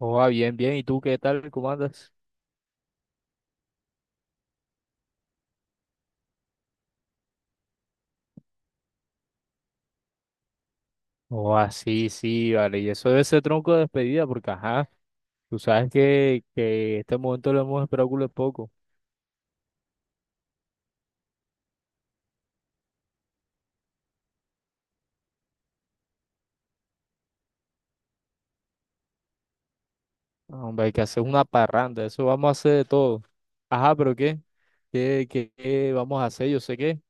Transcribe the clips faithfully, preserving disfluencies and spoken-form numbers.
Joa, bien, bien. ¿Y tú qué tal? ¿Cómo andas? Joa, sí, sí, vale. Y eso debe ser tronco de despedida, porque ajá, tú sabes que, que este momento lo hemos esperado culo de poco. Ah, hombre, hay que hacer una parranda, eso vamos a hacer de todo. Ajá, pero ¿qué? ¿Qué, qué, qué vamos a hacer? Yo sé que,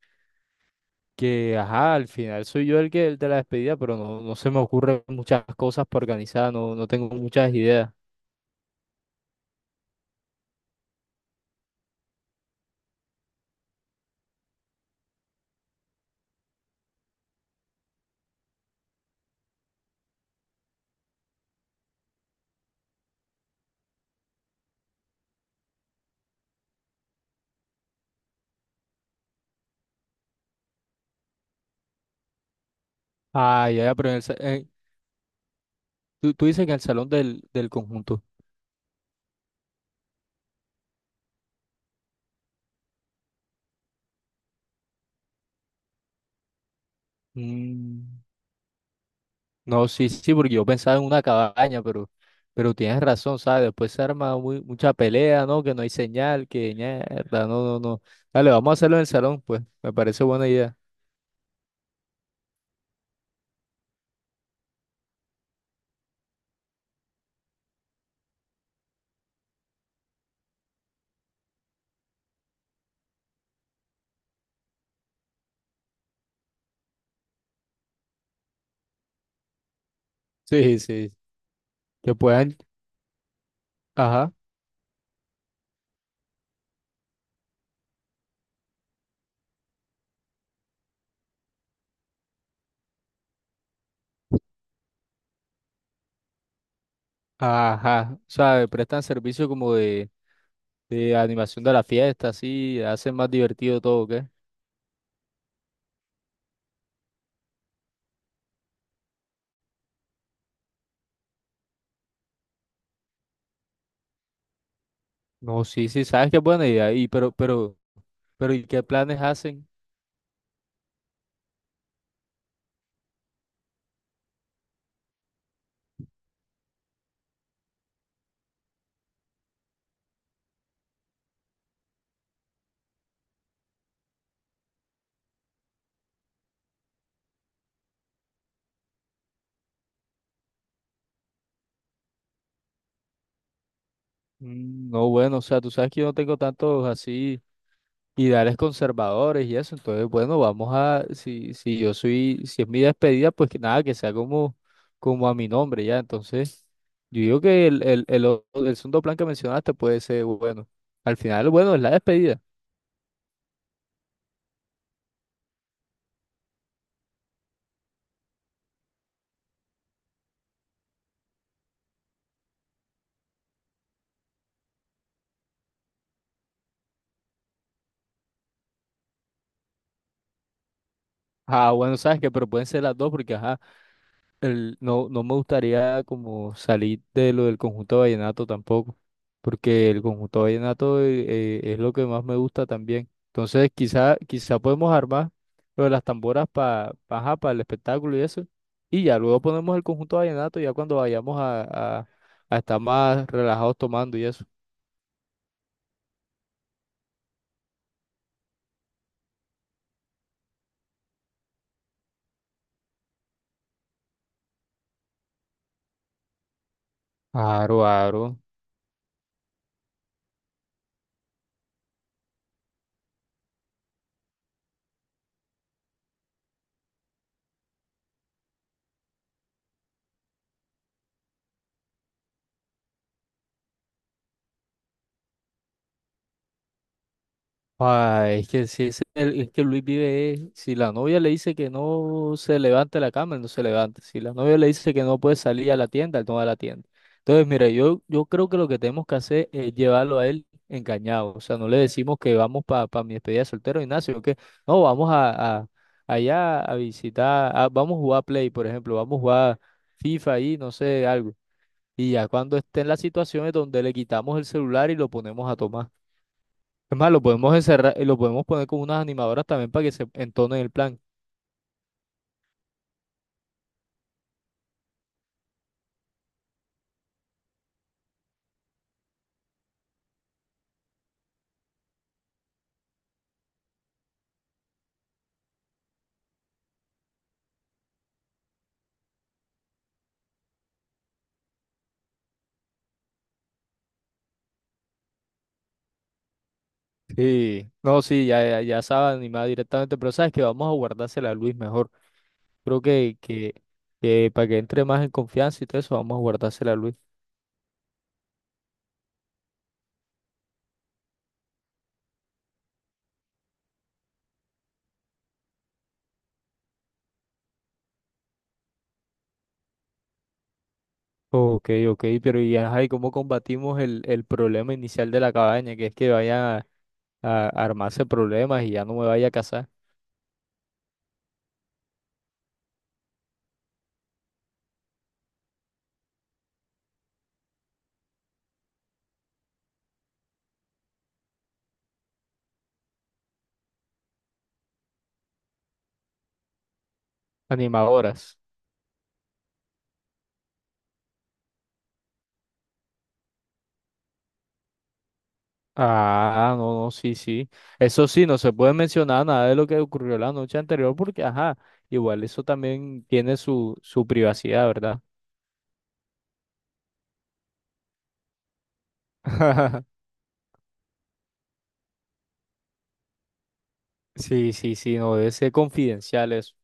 que, ajá, al final soy yo el que el de la despedida, pero no, no se me ocurren muchas cosas para organizar, no, no tengo muchas ideas. Ah, ya, ya, pero en el sa- en- tú, tú dices que en el salón del, del conjunto. Mm. No, sí, sí, porque yo pensaba en una cabaña, pero, pero tienes razón, ¿sabes? Después se arma muy, mucha pelea, ¿no? Que no hay señal, que mierda, no, no, no. Dale, vamos a hacerlo en el salón, pues, me parece buena idea. Sí, sí, que puedan, ajá, ajá, ¿sabes? Prestan servicio como de, de animación de la fiesta, así, hacen más divertido todo, ¿qué? No, sí, sí, sabes qué buena idea, y pero, pero, pero, ¿y qué planes hacen? Mm, no, bueno, o sea, tú sabes que yo no tengo tantos así ideales conservadores y eso. Entonces, bueno, vamos a, si, si yo soy, si es mi despedida, pues que nada, que sea como, como a mi nombre, ya. Entonces, yo digo que el, el, el, o- el segundo plan que mencionaste puede ser bueno. Al final, bueno, es la despedida. Ah, bueno, sabes que, pero pueden ser las dos porque, ajá. El- no, no me gustaría como salir de lo del conjunto vallenato tampoco, porque el conjunto vallenato eh, eh, es lo que más me gusta también. Entonces, quizá, quizá podemos armar lo de las tamboras para para el espectáculo y eso, y ya luego ponemos el conjunto vallenato ya cuando vayamos a, a, a estar más relajados tomando y eso. Aro, aro. Ay, es que si es, el- es que Luis vive, es- si la novia le dice que no se levante de la cama, él no se levanta. Si la novia le dice que no puede salir a la tienda, él no va a la tienda. Entonces, mira, yo, yo creo que lo que tenemos que hacer es llevarlo a él engañado. O sea, no le decimos que vamos para mi despedida de soltero, Ignacio, que no, vamos a, a- allá a visitar, a- vamos a jugar Play, por ejemplo, vamos a jugar FIFA ahí, no sé, algo. Y ya cuando esté en las situaciones donde le quitamos el celular y lo ponemos a tomar. Es más, lo podemos encerrar, eh, lo podemos poner con unas animadoras también para que se entonen el plan. Sí, no, sí, ya, ya, ya sabe animar directamente, pero sabes que vamos a guardársela a Luis mejor. Creo que, que, que para que entre más en confianza y todo eso, vamos a guardársela a Luis. Ok, ok, pero y ajá, ¿y cómo combatimos el, el problema inicial de la cabaña? Que es que vayan a, a armarse problemas y ya no me vaya a casar. Animadoras. Ah, no, no, sí, sí. Eso sí, no se puede mencionar nada de lo que ocurrió la noche anterior porque, ajá, igual eso también tiene su, su privacidad, ¿verdad? Sí, sí, sí, no debe ser confidencial eso.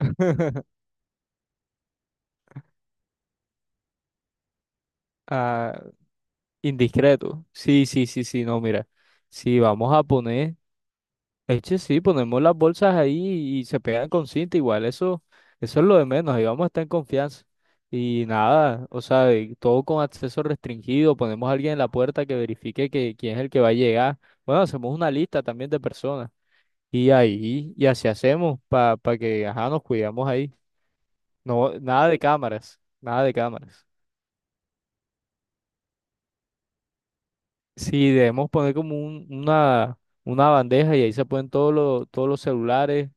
Ah, indiscreto. Sí, sí, sí, sí, no, mira. Sí, vamos a poner. Eche, sí, ponemos las bolsas ahí y se pegan con cinta, igual, eso, eso es lo de menos, ahí vamos a estar en confianza. Y nada, o sea, y todo con acceso restringido, ponemos a alguien en la puerta que verifique que, quién es el que va a llegar. Bueno, hacemos una lista también de personas. Y ahí, y así hacemos para que, ajá, nos cuidamos ahí. No, nada de cámaras, nada de cámaras. Sí, debemos poner como un- una, una bandeja y ahí se ponen todos los, todos los celulares,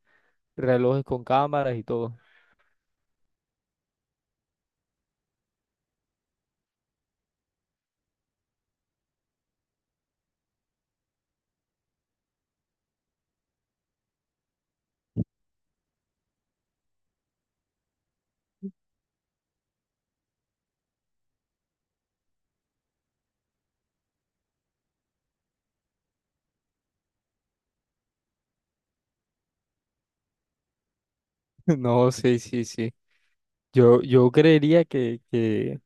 relojes con cámaras y todo. No, sí, sí, sí. Yo, yo creería que, que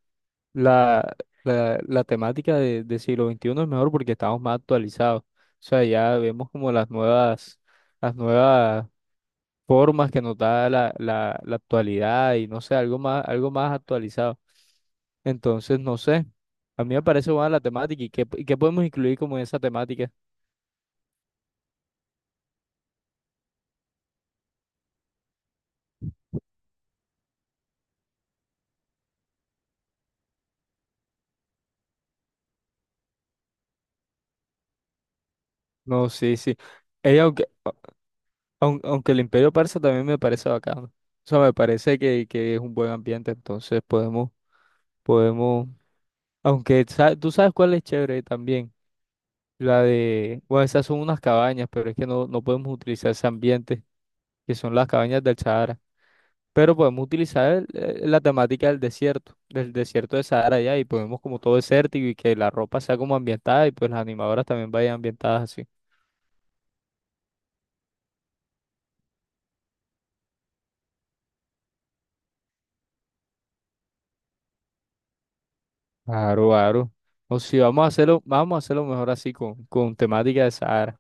la, la, la temática de, de siglo veintiuno es mejor porque estamos más actualizados. O sea, ya vemos como las nuevas, las nuevas formas que nos da la, la, la actualidad y no sé, algo más, algo más actualizado. Entonces, no sé. A mí me parece buena la temática y qué, y qué podemos incluir como en esa temática. No, sí, sí. Ella, Aun- Aunque el Imperio Persa también me parece bacano. O sea, me parece que, que es un buen ambiente, entonces podemos, podemos, aunque sa- tú sabes cuál es chévere también, la de, bueno, esas son unas cabañas, pero es que no, no podemos utilizar ese ambiente, que son las cabañas del Sahara, pero podemos utilizar eh, la temática del desierto, del desierto de Sahara ya, y podemos como todo desértico y que la ropa sea como ambientada y pues las animadoras también vayan ambientadas así. Claro, claro. O si vamos a hacerlo, vamos a hacerlo mejor así con, con temática de Sahara.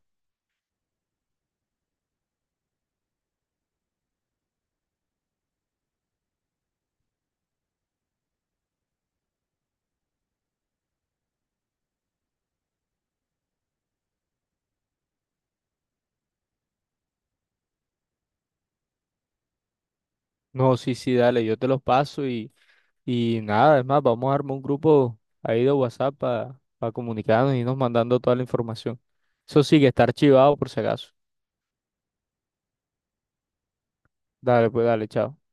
No, sí, sí, dale, yo te los paso y, y nada, es más, vamos a armar un grupo ahí de WhatsApp para comunicarnos y irnos mandando toda la información. Eso sí que está archivado por si acaso. Dale, pues dale, chao.